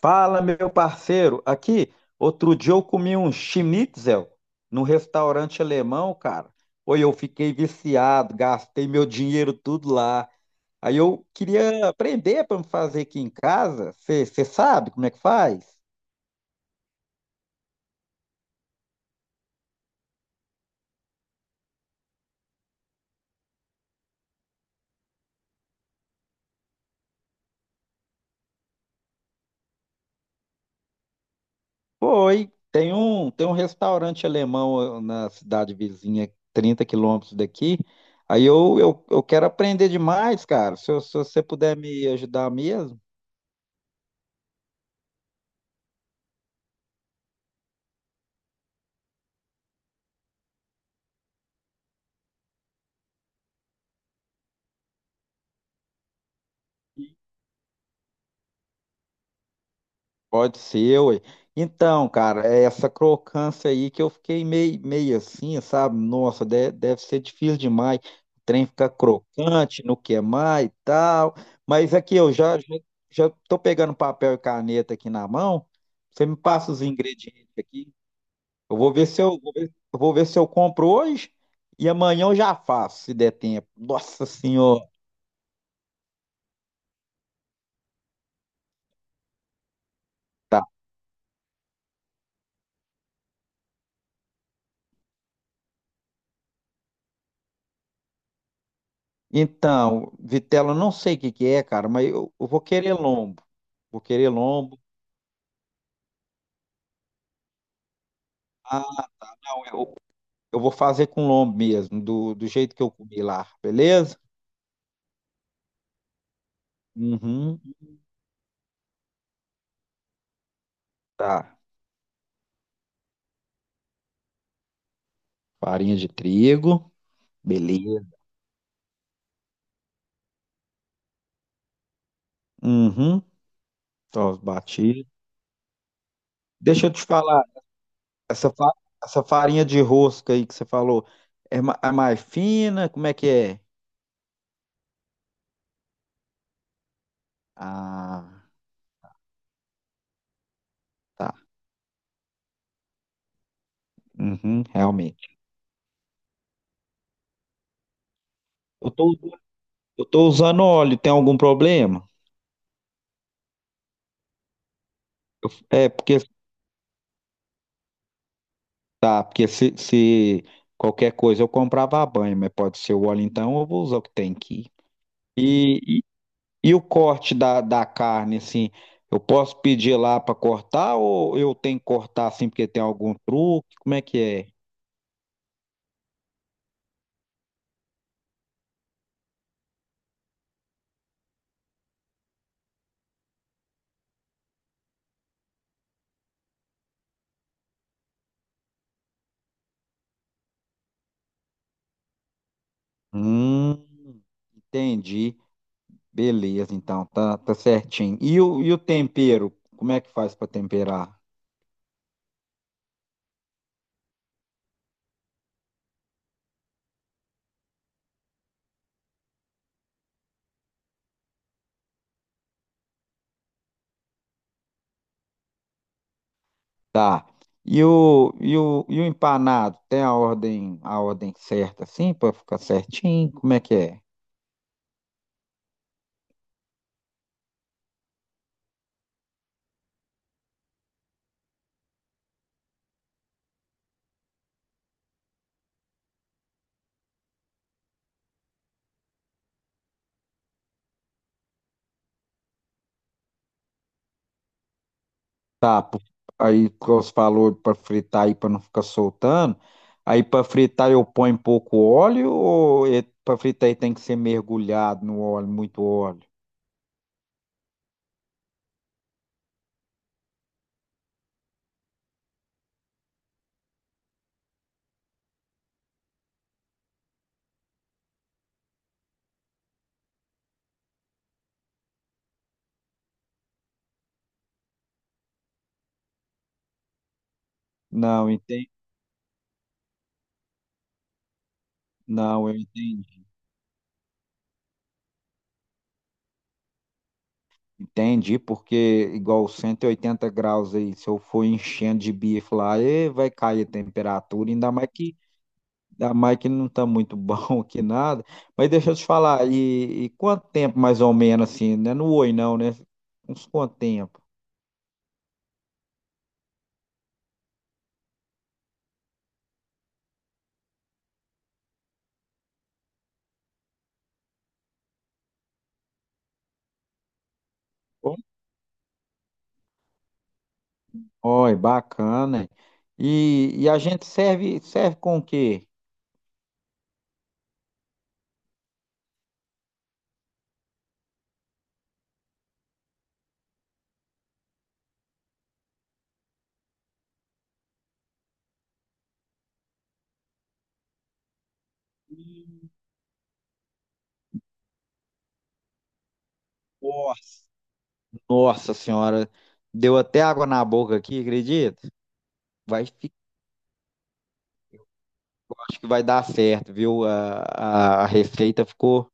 Fala, meu parceiro. Aqui, outro dia eu comi um schnitzel num restaurante alemão, cara. Oi, eu fiquei viciado, gastei meu dinheiro tudo lá. Aí eu queria aprender para fazer aqui em casa. Você sabe como é que faz? Foi. Tem um restaurante alemão, na cidade vizinha, 30 quilômetros daqui. Aí eu quero aprender demais, cara. Se você puder me ajudar mesmo. Pode ser, ué. Então, cara, é essa crocância aí que eu fiquei meio assim, sabe? Nossa, deve ser difícil demais. O trem fica crocante, não queimar e tal. Mas aqui eu já tô pegando papel e caneta aqui na mão. Você me passa os ingredientes aqui. Eu vou ver se eu compro hoje e amanhã eu já faço, se der tempo. Nossa Senhora! Então, vitela, eu não sei o que que é, cara, mas eu vou querer lombo. Vou querer lombo. Ah, não, eu vou fazer com lombo mesmo, do jeito que eu comi lá, beleza? Uhum, tá. Farinha de trigo, beleza. Uhum, ovos batidos. Deixa eu te falar, essa, fa- essa farinha de rosca aí que você falou, é mais fina? Como é que é? Ah, tá. Uhum, realmente. Eu tô, eu tô usando óleo, tem algum problema? É, porque Tá, porque se qualquer coisa eu comprava a banha, mas pode ser o óleo então, eu vou usar o que tem aqui. E, e, e o corte da carne, assim, eu posso pedir lá para cortar ou eu tenho que cortar assim porque tem algum truque? Como é que é? Hum, entendi. Beleza, então, tá certinho. E o, e o, tempero? Como é que faz para temperar? Tá. e o, e o empanado? Tem a ordem certa assim para ficar certinho? Como é que é? Tá, Aí que você falou para fritar aí para não ficar soltando. Aí para fritar eu ponho pouco óleo ou para fritar aí tem que ser mergulhado no óleo, muito óleo? Não, entendi. Não, eu entendi. Entendi, porque igual 180 graus aí, se eu for enchendo de bife lá, vai cair a temperatura, ainda mais que não tá muito bom aqui nada. Mas deixa eu te falar, e quanto tempo mais ou menos assim, né? Não oi não, né? Uns quanto tempo? Oi, bacana. E a gente serve com o quê? Hum. Nossa, nossa senhora, deu até água na boca aqui, acredita? Vai, fi- acho que vai dar certo, viu? A receita ficou,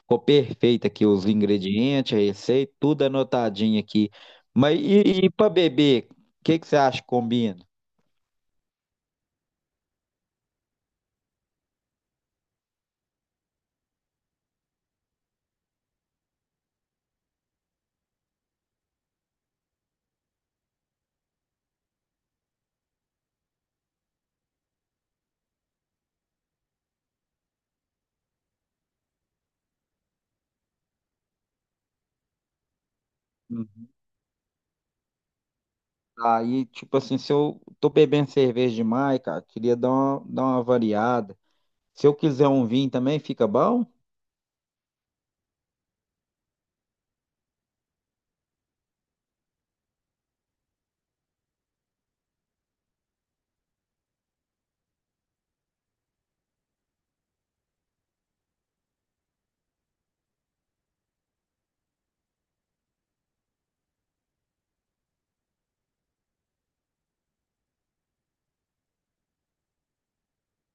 ficou perfeita aqui, os ingredientes, a receita, tudo anotadinho aqui. Mas e para beber, o que que você acha que combina? Hum. Aí, tipo assim, se eu tô bebendo cerveja demais, cara, queria dar uma variada. Se eu quiser um vinho também, fica bom?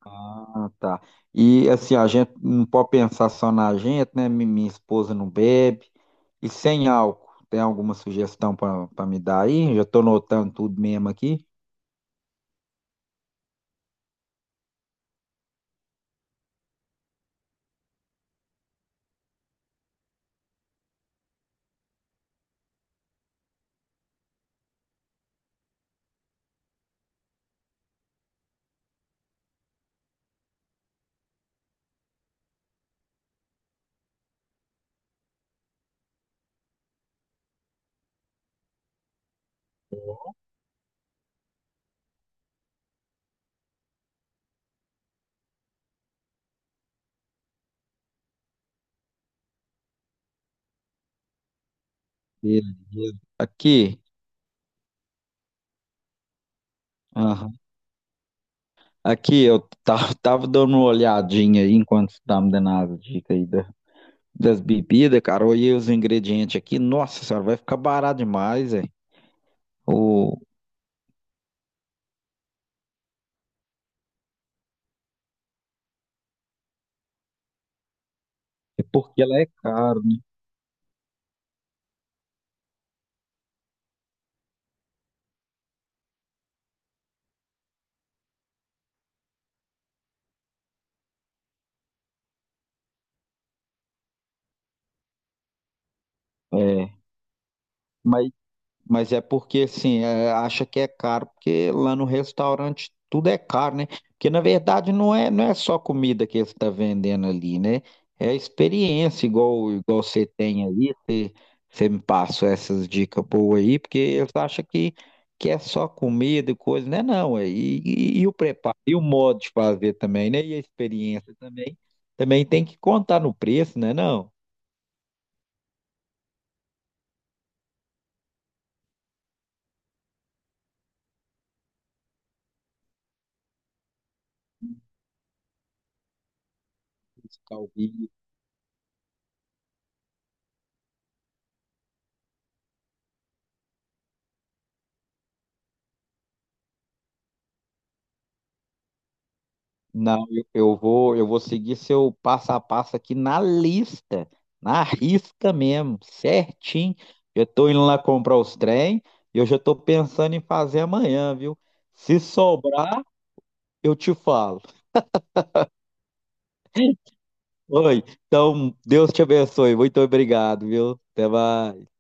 Ah, tá. E assim, a gente não pode pensar só na gente, né? Minha esposa não bebe. E sem álcool, tem alguma sugestão para me dar aí? Já estou notando tudo mesmo aqui. Beleza. Aqui, Aham. Aqui eu tava dando uma olhadinha aí enquanto você tá me dando as dicas aí das bebidas, cara. Olhei os ingredientes aqui. Nossa senhora, vai ficar barato demais, é. O... É porque ela é cara. É. Mas é porque, assim, é, acha que é caro, porque lá no restaurante tudo é caro, né? Porque, na verdade, não é só comida que eles estão vendendo ali, né? É a experiência, igual você tem aí. Você me passou essas dicas boas aí, porque eles acham que é só comida e coisa, né? Não, é, e o preparo, e o modo de fazer também, né? E a experiência também tem que contar no preço, né? Não, não, eu vou seguir seu passo a passo aqui na lista, na risca mesmo, certinho. Eu tô indo lá comprar os trem e eu já tô pensando em fazer amanhã, viu? Se sobrar, eu te falo. Oi, então Deus te abençoe. Muito obrigado, viu? Até mais.